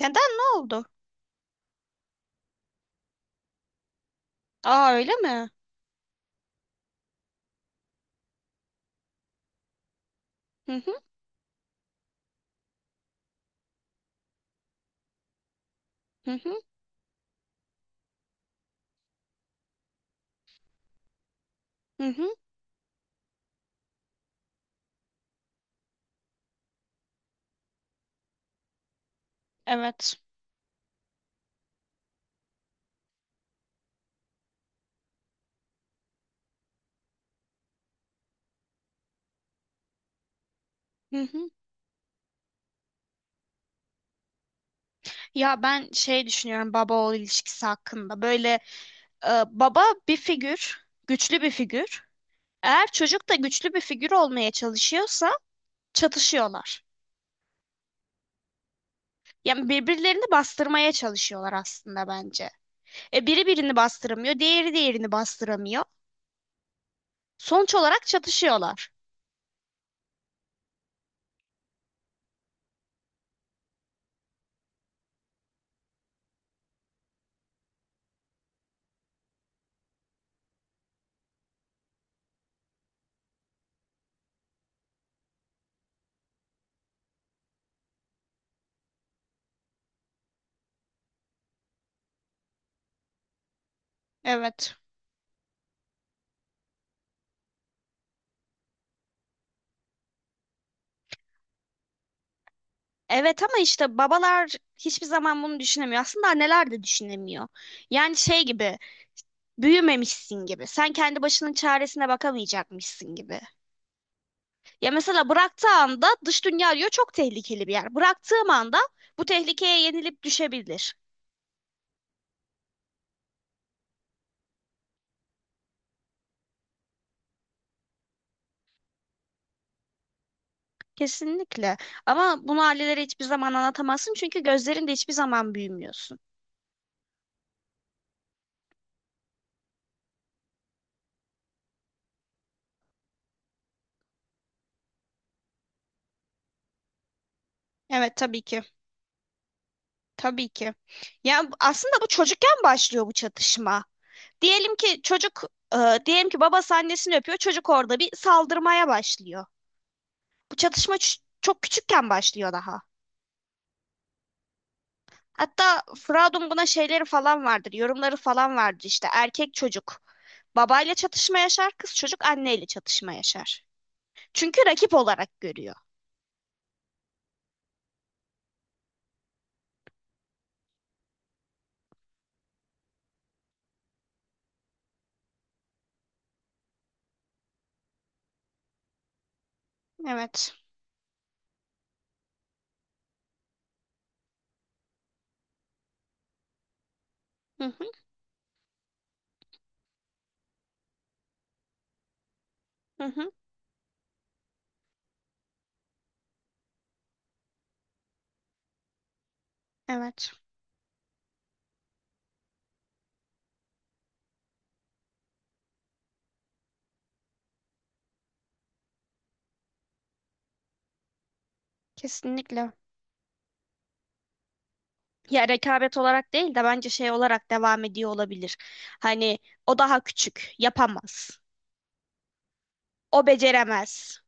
Neden, ne oldu? Aa, öyle mi? Hı hı, hı hı, hı hı, evet. Hı hı. Ya ben şey düşünüyorum baba oğul ilişkisi hakkında. Böyle baba bir figür, güçlü bir figür. Eğer çocuk da güçlü bir figür olmaya çalışıyorsa çatışıyorlar. Yani birbirlerini bastırmaya çalışıyorlar aslında bence. Biri birini bastıramıyor, diğeri diğerini bastıramıyor. Sonuç olarak çatışıyorlar. Evet. Evet ama işte babalar hiçbir zaman bunu düşünemiyor. Aslında anneler de düşünemiyor. Yani şey gibi büyümemişsin gibi. Sen kendi başının çaresine bakamayacakmışsın gibi. Ya mesela bıraktığı anda dış dünya diyor çok tehlikeli bir yer. Bıraktığım anda bu tehlikeye yenilip düşebilir. Kesinlikle. Ama bunu ailelere hiçbir zaman anlatamazsın çünkü gözlerinde hiçbir zaman büyümüyorsun. Evet, tabii ki. Tabii ki. Yani aslında bu çocukken başlıyor bu çatışma. Diyelim ki çocuk, diyelim ki babası annesini öpüyor, çocuk orada bir saldırmaya başlıyor. Bu çatışma çok küçükken başlıyor daha. Hatta Freud'un buna şeyleri falan vardır, yorumları falan vardır işte. Erkek çocuk babayla çatışma yaşar, kız çocuk anneyle çatışma yaşar. Çünkü rakip olarak görüyor. Evet. Hı hı, hı hı. Evet. Kesinlikle. Ya rekabet olarak değil de bence şey olarak devam ediyor olabilir. Hani o daha küçük, yapamaz. O beceremez.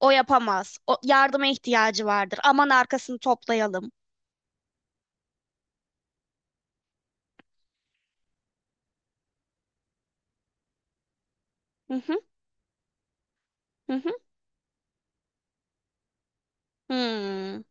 O yapamaz. O yardıma ihtiyacı vardır. Aman arkasını toplayalım. Hı hı, hı hı. Hmm,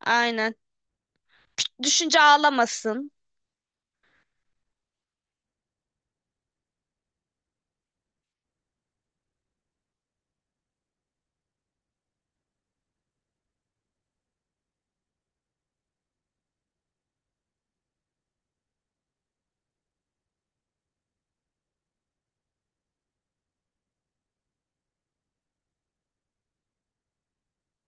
aynen. Düşünce ağlamasın.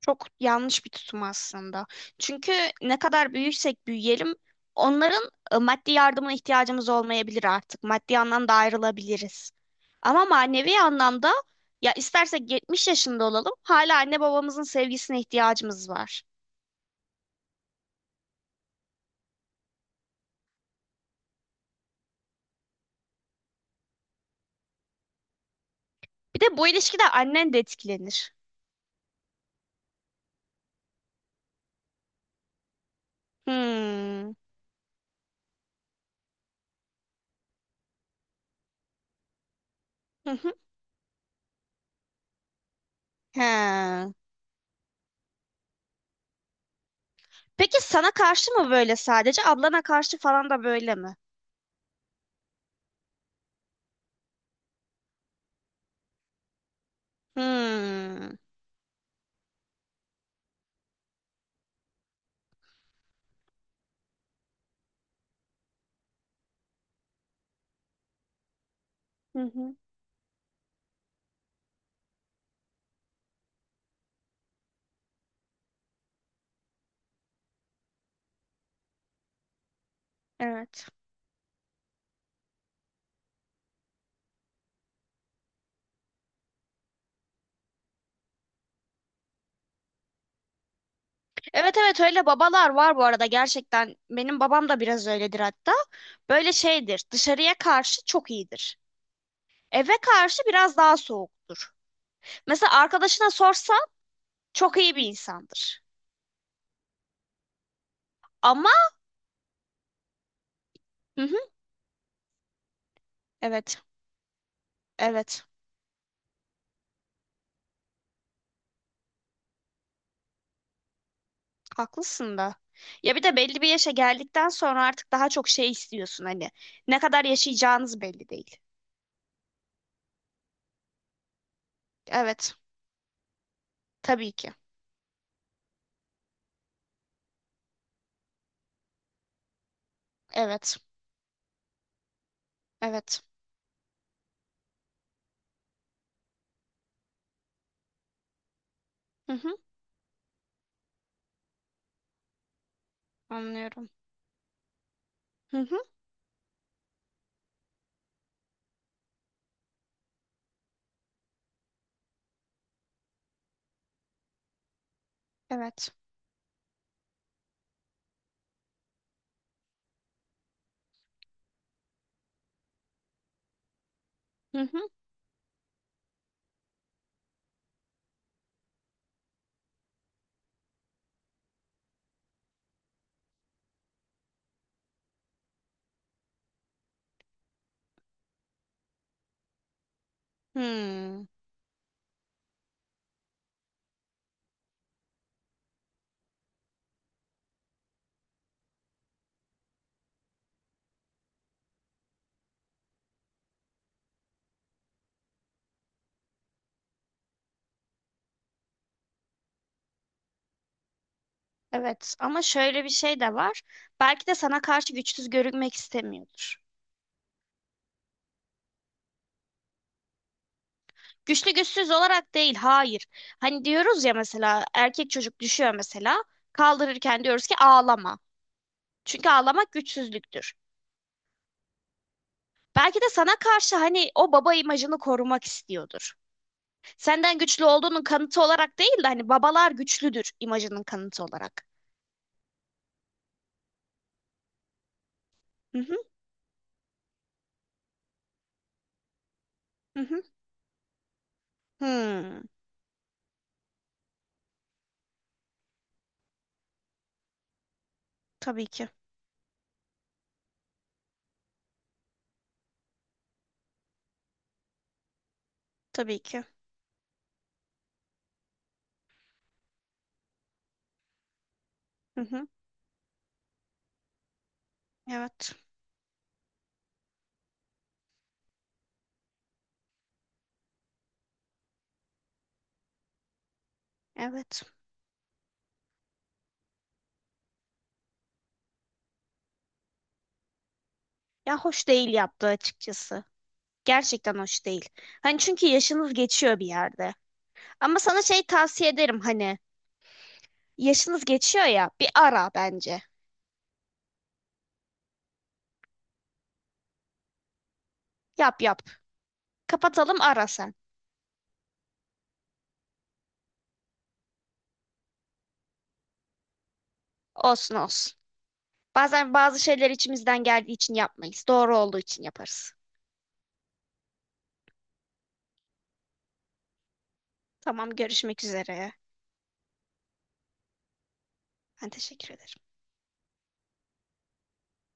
Çok yanlış bir tutum aslında. Çünkü ne kadar büyürsek büyüyelim, onların maddi yardımına ihtiyacımız olmayabilir artık. Maddi anlamda ayrılabiliriz. Ama manevi anlamda ya istersek 70 yaşında olalım, hala anne babamızın sevgisine ihtiyacımız var. Bir de bu ilişkide annen de etkilenir. Hmm. Hı hı. He. Peki sana karşı mı böyle sadece, ablana karşı falan da böyle mi? Hmm. Hı hı. Evet. Evet, evet, öyle babalar var bu arada gerçekten. Benim babam da biraz öyledir hatta. Böyle şeydir. Dışarıya karşı çok iyidir. Eve karşı biraz daha soğuktur. Mesela arkadaşına sorsan çok iyi bir insandır. Ama hı hı, evet, evet, haklısın da. Ya bir de belli bir yaşa geldikten sonra artık daha çok şey istiyorsun hani. Ne kadar yaşayacağınız belli değil. Evet, tabii ki. Evet, evet. Hı hı, anlıyorum. Hı hı, evet. Hı hı. Hmm. Evet ama şöyle bir şey de var. Belki de sana karşı güçsüz görünmek istemiyordur. Güçlü güçsüz olarak değil, hayır. Hani diyoruz ya mesela erkek çocuk düşüyor mesela kaldırırken diyoruz ki ağlama. Çünkü ağlamak güçsüzlüktür. Belki de sana karşı hani o baba imajını korumak istiyordur. Senden güçlü olduğunun kanıtı olarak değil de hani babalar güçlüdür imajının kanıtı olarak. Hı hı, hı hı. Hmm, tabii ki. Tabii ki. Hı hı. Evet. Evet. Ya hoş değil yaptığı açıkçası. Gerçekten hoş değil. Hani çünkü yaşınız geçiyor bir yerde. Ama sana şey tavsiye ederim hani yaşınız geçiyor ya bir ara bence. Yap, yap. Kapatalım, ara sen. Olsun, olsun. Bazen bazı şeyler içimizden geldiği için yapmayız. Doğru olduğu için yaparız. Tamam, görüşmek üzere. Ben teşekkür ederim.